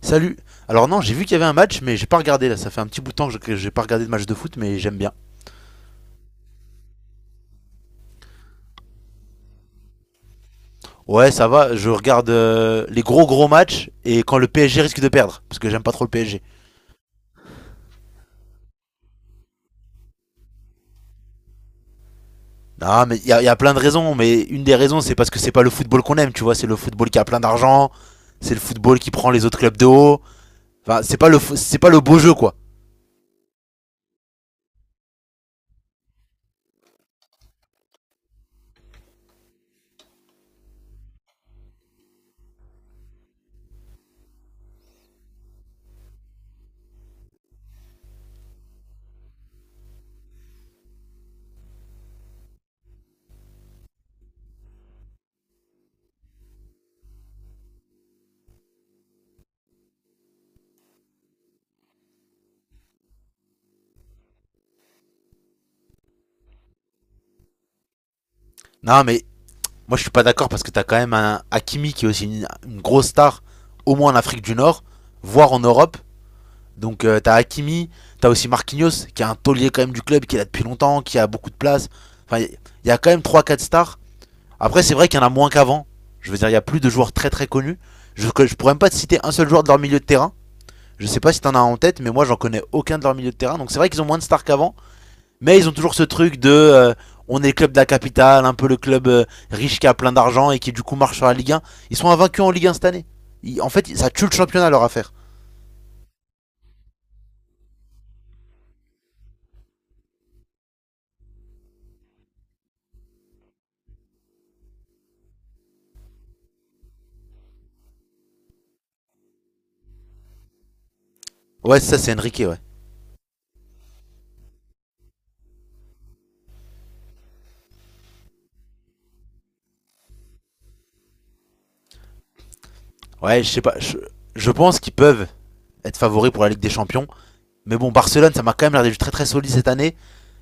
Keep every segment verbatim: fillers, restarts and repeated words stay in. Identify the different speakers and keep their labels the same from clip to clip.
Speaker 1: Salut. Alors non, j'ai vu qu'il y avait un match, mais j'ai pas regardé là. Ça fait un petit bout de temps que j'ai pas regardé de match de foot, mais j'aime bien. Ouais, ça va. Je regarde euh, les gros gros matchs et quand le P S G risque de perdre, parce que j'aime pas trop le P S G. Non, mais il y, a- y a plein de raisons, mais une des raisons c'est parce que c'est pas le football qu'on aime, tu vois. C'est le football qui a plein d'argent, c'est le football qui prend les autres clubs de haut. Enfin, c'est pas le c'est pas le beau jeu quoi. Non, mais moi je suis pas d'accord parce que t'as quand même un Hakimi qui est aussi une, une grosse star, au moins en Afrique du Nord, voire en Europe. Donc euh, t'as Hakimi, t'as aussi Marquinhos, qui est un taulier quand même du club, qui est là depuis longtemps, qui a beaucoup de place. Enfin, il y, y a quand même trois, quatre stars. Après, c'est vrai qu'il y en a moins qu'avant. Je veux dire, il y a plus de joueurs très très connus. Je, je pourrais même pas te citer un seul joueur de leur milieu de terrain. Je sais pas si t'en as en tête, mais moi j'en connais aucun de leur milieu de terrain. Donc c'est vrai qu'ils ont moins de stars qu'avant, mais ils ont toujours ce truc de euh, on est le club de la capitale, un peu le club euh, riche qui a plein d'argent et qui du coup marche sur la Ligue un. Ils sont invaincus en Ligue un cette année. Ils- en fait, ça tue le championnat leur affaire. Ouais, ça c'est Enrique, ouais. Ouais, je sais pas. Je, je pense qu'ils peuvent être favoris pour la Ligue des Champions. Mais bon, Barcelone, ça m'a quand même l'air d'être très très solide cette année.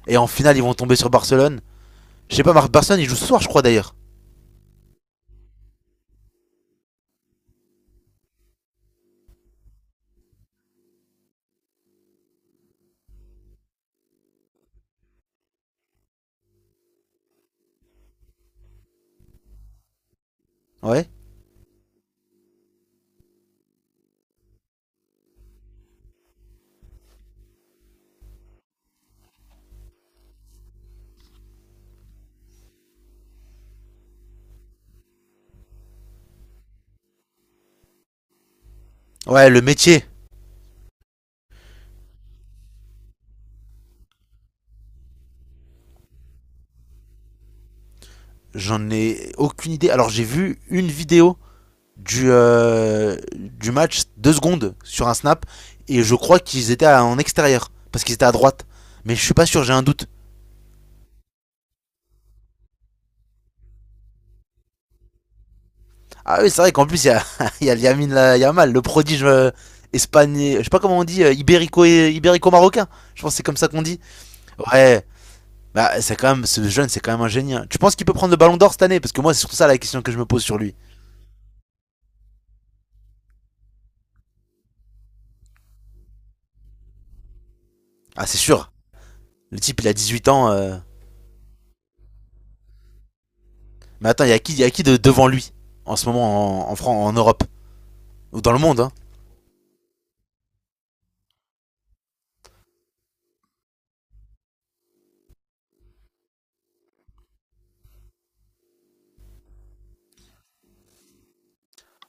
Speaker 1: Et en finale, ils vont tomber sur Barcelone. Je sais pas, Mar- Barcelone, ils jouent ce soir, je crois d'ailleurs. Ouais. Ouais, le métier. J'en ai aucune idée. Alors, j'ai vu une vidéo du, euh, du match, deux secondes, sur un snap. Et je crois qu'ils étaient en extérieur. Parce qu'ils étaient à droite. Mais je suis pas sûr, j'ai un doute. Ah oui, c'est vrai qu'en plus, il y a, il y a Lamine La- Yamal, le prodige euh, espagnol, je sais pas comment on dit, euh, ibérico, ibérico-marocain. Je pense que c'est comme ça qu'on dit. Ouais, bah, c'est quand même, ce jeune, c'est quand même un génie, hein. Tu penses qu'il peut prendre le ballon d'or cette année? Parce que moi, c'est surtout ça la question que je me pose sur lui. Ah, c'est sûr. Le type, il a dix-huit ans. euh. Mais attends, il y a qui, il y a qui de, devant lui en ce moment en, en, Fran- en Europe? Ou dans le monde, hein?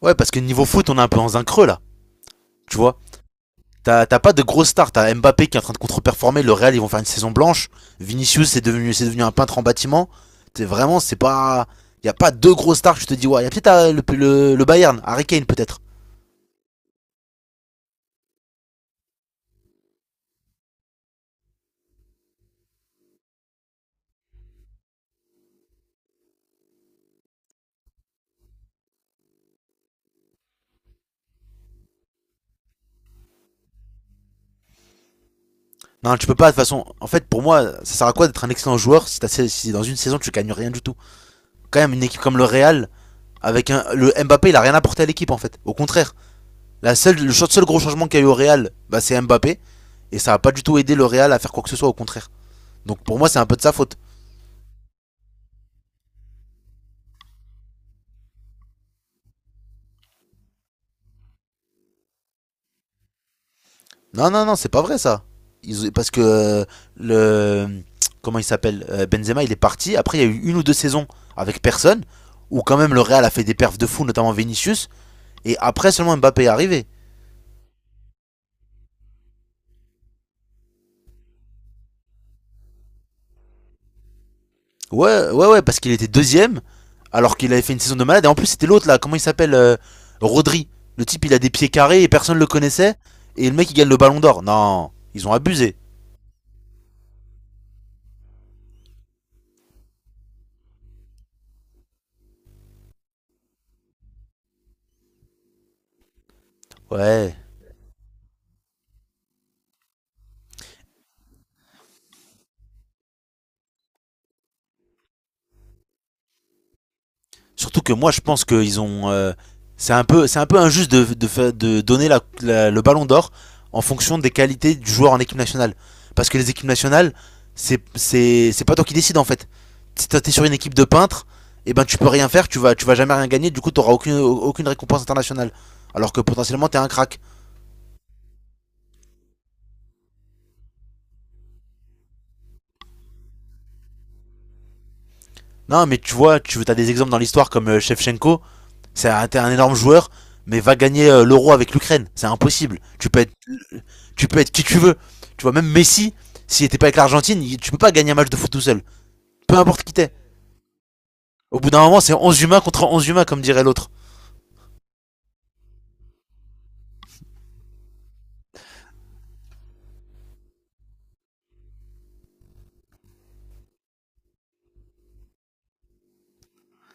Speaker 1: Ouais, parce que niveau foot, on est un peu dans un creux là. Tu vois? T'as t'as pas de grosse stars, t'as Mbappé qui est en train de contre-performer, le Real ils vont faire une saison blanche, Vinicius c'est devenu, c'est devenu un peintre en bâtiment, c'est vraiment, c'est pas. Y a pas deux grosses stars, je te dis, ouais, il y a peut-être euh, le, le, le Bayern, Harry Kane peut-être. Non, tu peux pas, de toute façon, en fait pour moi, ça sert à quoi d'être un excellent joueur si, t'as- si dans une saison tu gagnes rien du tout? Quand même une équipe comme le Real, avec un, le Mbappé il a rien apporté à l'équipe en fait, au contraire. La seule, le seul gros changement qu'il y a eu au Real, bah, c'est Mbappé, et ça a pas du tout aidé le Real à faire quoi que ce soit, au contraire. Donc pour moi c'est un peu de sa faute. Non, non, non, c'est pas vrai ça. Ils- parce que euh, le. Comment il s'appelle? Euh, Benzema, il est parti. Après, il y a eu une ou deux saisons avec personne. Où quand même le Real a fait des perfs de fou, notamment Vinicius. Et après, seulement Mbappé est arrivé. Ouais, ouais, ouais, parce qu'il était deuxième. Alors qu'il avait fait une saison de malade. Et en plus, c'était l'autre là. Comment il s'appelle? euh, Rodri. Le type, il a des pieds carrés et personne le connaissait. Et le mec, il gagne le ballon d'or. Non, ils ont abusé. Ouais. Surtout que moi, je pense qu'ils ont. euh, c'est un peu, c'est un peu injuste de, de, fa- de donner la- la- le Ballon d'Or en fonction des qualités du joueur en équipe nationale. Parce que les équipes nationales, c'est, c'est, c'est pas toi qui décides en fait. Si t'es sur une équipe de peintres, et ben tu peux rien faire, tu vas, tu vas jamais rien gagner. Du coup, t'auras aucune, aucune récompense internationale. Alors que potentiellement, t'es un crack. Non, mais tu vois, tu as des exemples dans l'histoire comme euh, Shevchenko. C'est un énorme joueur, mais va gagner euh, l'euro avec l'Ukraine. C'est impossible. Tu peux être, tu peux être qui tu veux. Tu vois, même Messi, s'il était pas avec l'Argentine, il- tu peux pas gagner un match de foot tout seul. Peu importe qui t'es. Au bout d'un moment, c'est onze humains contre onze humains, comme dirait l'autre.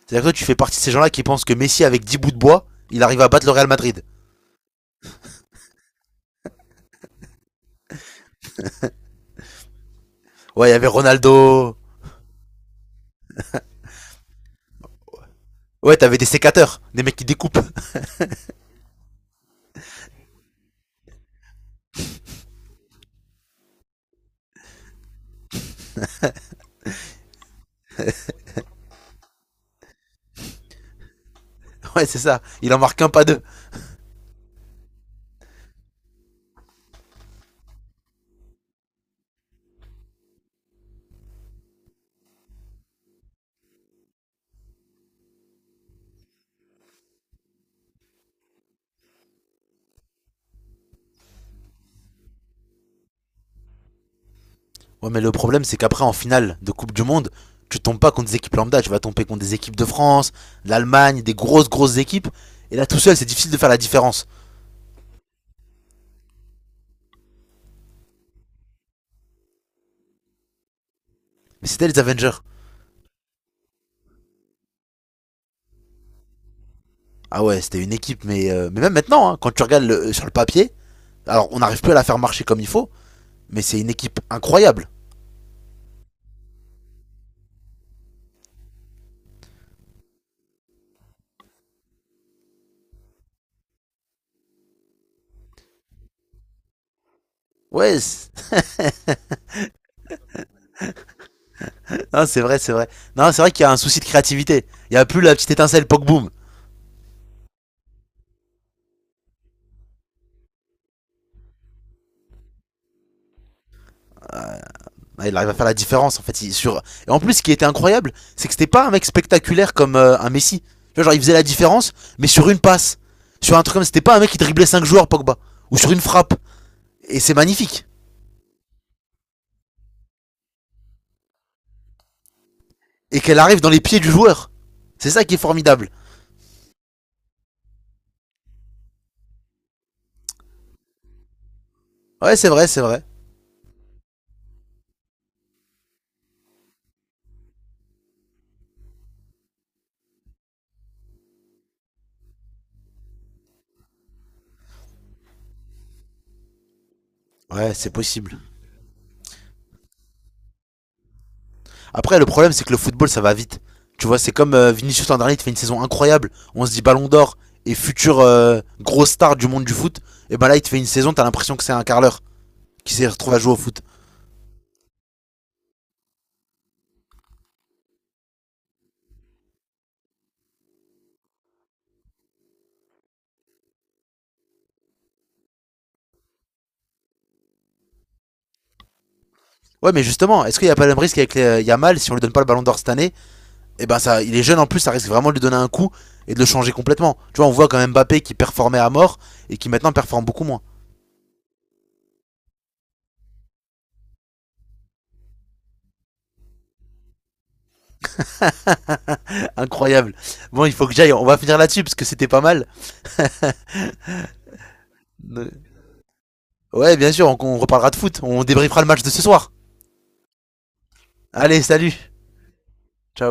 Speaker 1: C'est-à-dire que toi, tu fais partie de ces gens-là qui pensent que Messi, avec dix bouts de bois, il arrive à battre le Real Madrid. Ouais, il y avait Ronaldo. Ouais, t'avais des sécateurs, des mecs qui découpent. Ouais, c'est ça. Il en marque un pas deux. Ouais, mais le problème, c'est qu'après, en finale de Coupe du Monde, tu tombes pas contre des équipes lambda. Tu vas tomber contre des équipes de France, de l'Allemagne, des grosses, grosses équipes. Et là, tout seul, c'est difficile de faire la différence. Mais c'était les Avengers. Ah ouais, c'était une équipe, mais, euh, mais même maintenant, hein, quand tu regardes le- euh, sur le papier, alors on n'arrive plus à la faire marcher comme il faut, mais c'est une équipe incroyable. Ouais, c'est vrai, c'est vrai. Non, c'est vrai qu'il y a un souci de créativité. Il y a plus la petite étincelle poc boom. Ouais, il arrive à faire la différence en fait. Il- sur... Et en plus, ce qui était incroyable, c'est que c'était pas un mec spectaculaire comme euh, un Messi. Tu vois, genre, il faisait la différence, mais sur une passe. Sur un truc comme ça, c'était pas un mec qui driblait cinq joueurs, Pogba. Ou sur une frappe. Et c'est magnifique. Et qu'elle arrive dans les pieds du joueur. C'est ça qui est formidable. Ouais, c'est vrai, c'est vrai. Ouais, c'est possible. Après, le problème, c'est que le football, ça va vite. Tu vois, c'est comme euh, Vinicius l'an dernier, il fait une saison incroyable. On se dit ballon d'or et futur euh, grosse star du monde du foot. Et ben là, il te fait une saison, t'as l'impression que c'est un carleur qui s'est retrouvé à jouer au foot. Ouais, mais justement, est-ce qu'il n'y a pas le même risque avec les- euh, Yamal si on lui donne pas le ballon d'or cette année? Et ben ça, il est jeune en plus, ça risque vraiment de lui donner un coup et de le changer complètement. Tu vois, on voit quand même Mbappé qui performait à mort et qui maintenant performe beaucoup moins. Incroyable. Bon, il faut que j'aille, on va finir là-dessus parce que c'était pas mal. Ouais, bien sûr, on, on reparlera de foot, on débriefera le match de ce soir. Allez, salut, ciao.